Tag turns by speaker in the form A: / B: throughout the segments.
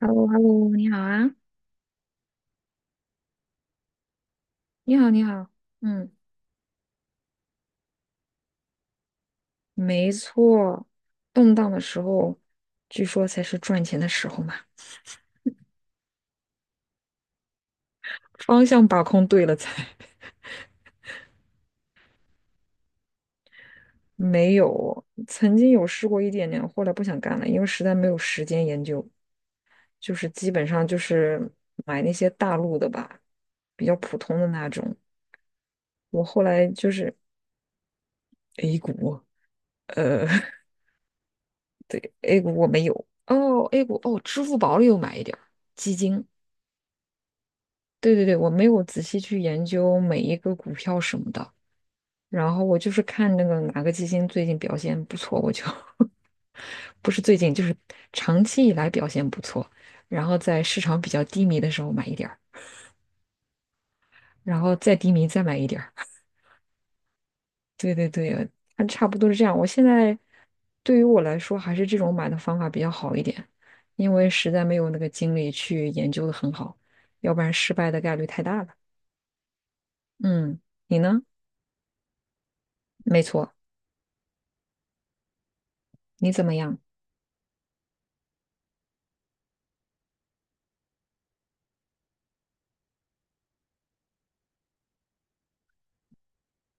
A: h e l l o h e l l o 你好啊，你好，你好。嗯。没错。动荡的时候，据说才是赚钱的时候嘛。方向把控对了才。没有，曾经有试过一点点，后来不想干了，因为实在没有时间研究，基本上就是买那些大陆的吧，比较普通的那种。我后来就是 A 股。呃，对，A 股我没有，哦，A 股哦，支付宝里有买一点儿基金。对，我没有仔细去研究每一个股票什么的，然后我就是看那个哪个基金最近表现不错，我就 不是最近，就是长期以来表现不错，然后在市场比较低迷的时候买一点儿，然后再低迷再买一点儿。对，它差不多是这样。我现在对于我来说，还是这种买的方法比较好一点，因为实在没有那个精力去研究的很好，要不然失败的概率太大了。嗯，你呢？没错，你怎么样？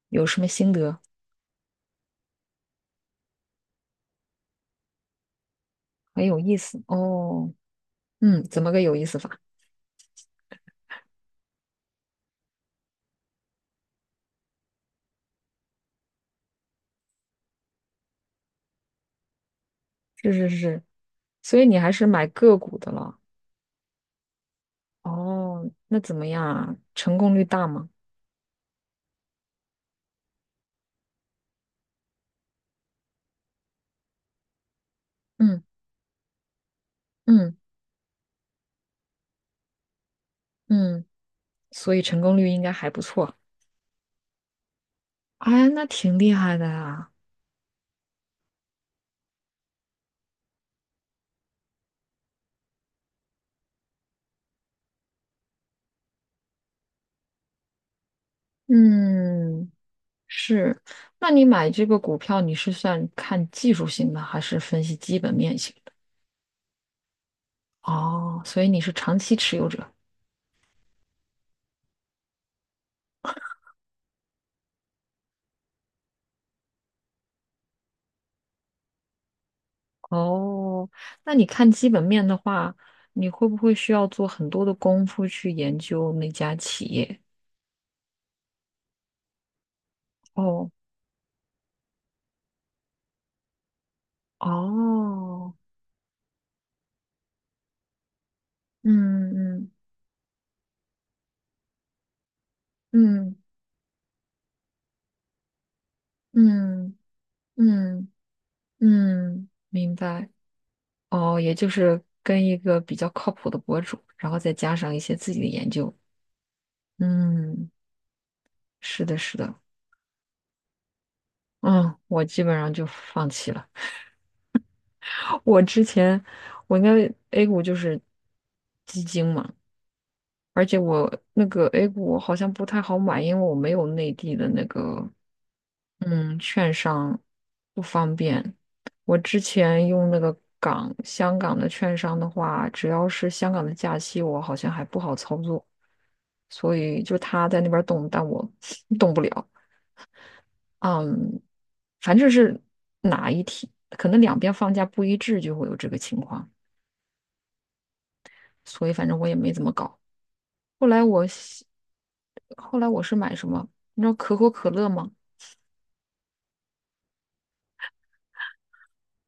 A: 有什么心得？很有意思哦。嗯，怎么个有意思法？是是是，所以你还是买个股的了。哦，那怎么样啊？成功率大吗？嗯嗯嗯，所以成功率应该还不错。哎，那挺厉害的呀。嗯，是。那你买这个股票，你是算看技术型的，还是分析基本面型的？哦，所以你是长期持有者。哦，那你看基本面的话，你会不会需要做很多的功夫去研究那家企业？哦，哦，嗯嗯嗯嗯嗯嗯，明白。哦，也就是跟一个比较靠谱的博主，然后再加上一些自己的研究。嗯，是的，是的。嗯，我基本上就放弃了。我之前我应该 A 股就是基金嘛。而且我那个 A 股我好像不太好买，因为我没有内地的那个券商，不方便。我之前用那个香港的券商的话，只要是香港的假期，我好像还不好操作，所以就他在那边动，但我 动不了。嗯，反正是哪一天，可能两边放假不一致，就会有这个情况，所以反正我也没怎么搞。后来我是后来我是买什么？你知道可口可乐吗？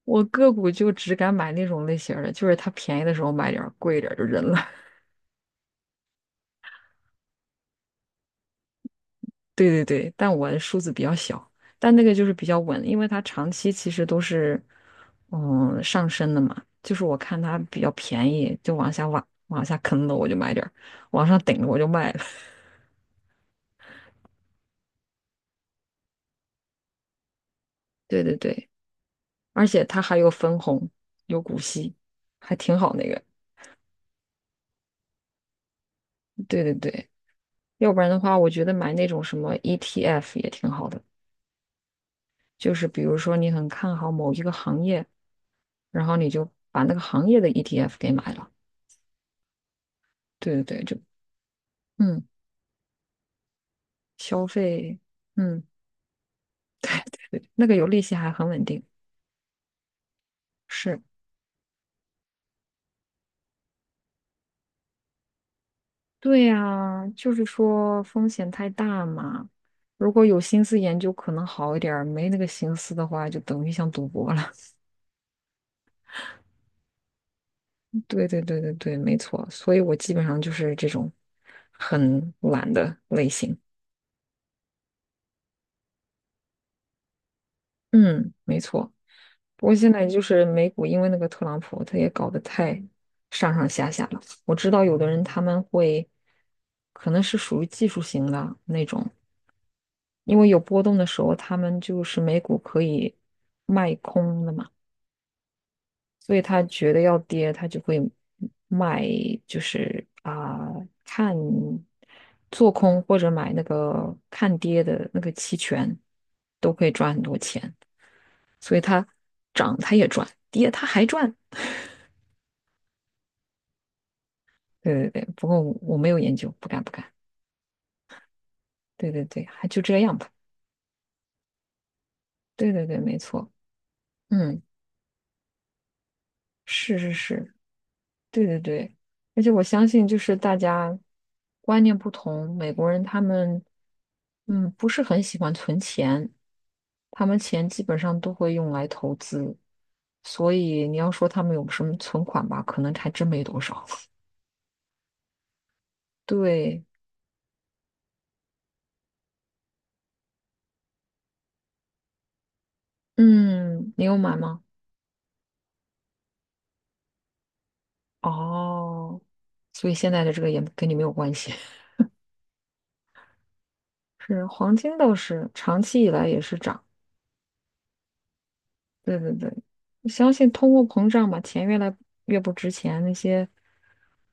A: 我个股就只敢买那种类型儿的，就是它便宜的时候买点儿贵一点儿就扔了。对，但我的数字比较小，但那个就是比较稳，因为它长期其实都是上升的嘛。就是我看它比较便宜，就往下坑了，我就买点儿往上顶了我就卖了。对，而且它还有分红，有股息，还挺好那个。对对对。要不然的话，我觉得买那种什么 ETF 也挺好的，就是比如说你很看好某一个行业，然后你就把那个行业的 ETF 给买了。对，嗯，消费。嗯，对，那个有利息还很稳定。是，对呀，就是说风险太大嘛。如果有心思研究，可能好一点儿；没那个心思的话，就等于像赌博了。对，没错。所以我基本上就是这种很懒的类型。嗯，没错。不过现在就是美股，因为那个特朗普，他也搞得太上上下下了。我知道有的人他们会，可能是属于技术型的那种，因为有波动的时候，他们就是美股可以卖空的嘛，所以他觉得要跌，他就会卖，就是啊、看做空或者买那个看跌的那个期权，都可以赚很多钱。所以它涨它也赚，跌它还赚。对，不过我没有研究，不敢。对，还就这样吧。对，没错。嗯，是是是，对对对。而且我相信，就是大家观念不同，美国人他们不是很喜欢存钱，他们钱基本上都会用来投资，所以你要说他们有什么存款吧，可能还真没多少。对。嗯，你有买吗？哦，所以现在的这个也跟你没有关系。是黄金倒是长期以来也是涨，对对对，我相信通货膨胀嘛，钱越来越不值钱，那些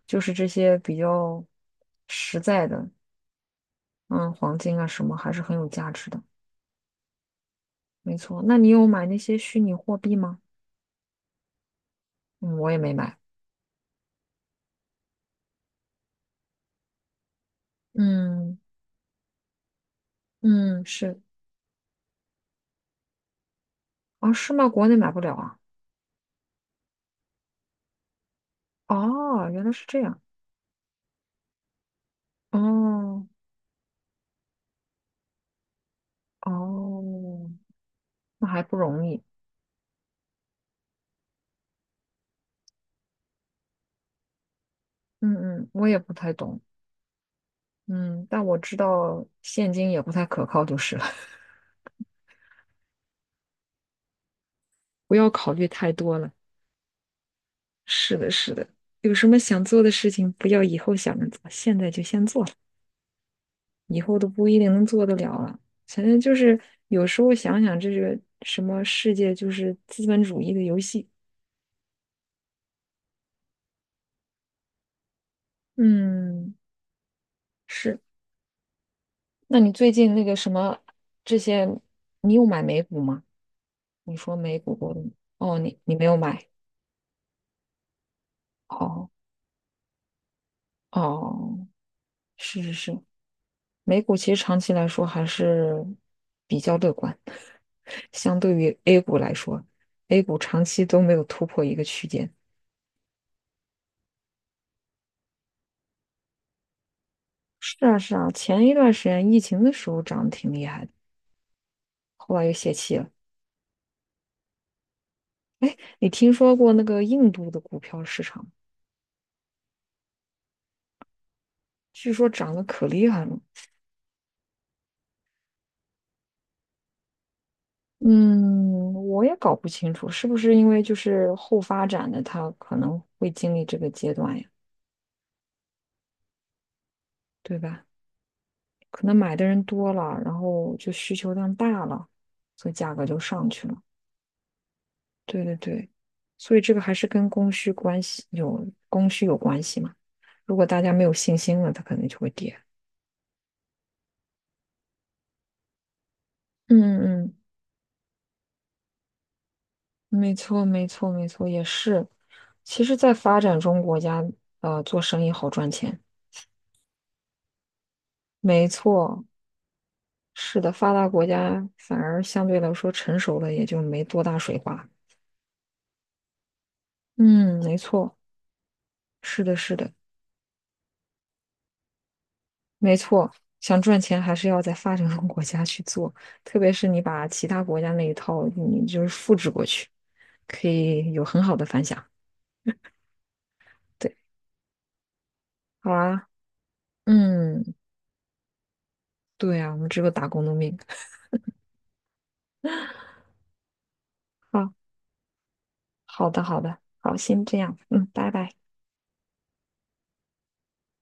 A: 就是这些比较实在的，嗯，黄金啊什么还是很有价值的，没错。那你有买那些虚拟货币吗？嗯，我也没买。嗯嗯，是啊，是吗？国内买不了啊。哦，原来是这样。哦哦，那还不容易。嗯嗯，我也不太懂。嗯，但我知道现金也不太可靠，就是了，不要考虑太多了。是的，是的，有什么想做的事情，不要以后想着做，现在就先做了，以后都不一定能做得了了。反正就是有时候想想，这个什么世界就是资本主义的游戏。嗯，是。那你最近那个什么这些，你有买美股吗？你说美股过的，哦，你你没有买，哦哦。是是是，美股其实长期来说还是比较乐观，相对于 A 股来说，A 股长期都没有突破一个区间。是啊是啊，前一段时间疫情的时候涨得挺厉害的，后来又泄气了。你听说过那个印度的股票市场，据说涨得可厉害了。嗯，我也搞不清楚，是不是因为就是后发展的，它可能会经历这个阶段呀，对吧？可能买的人多了，然后就需求量大了，所以价格就上去了。对对对，所以这个还是跟供需有关系嘛。如果大家没有信心了，它可能就会跌。嗯嗯，没错，也是。其实，在发展中国家，做生意好赚钱。没错，是的，发达国家反而相对来说成熟了，也就没多大水花。嗯，没错，是的，是的。没错，想赚钱还是要在发展中国家去做，特别是你把其他国家那一套，你就是复制过去，可以有很好的反响。对，好啊，嗯，对啊，我们只有打工的命。好，好的，好的，好，先这样，嗯，拜拜。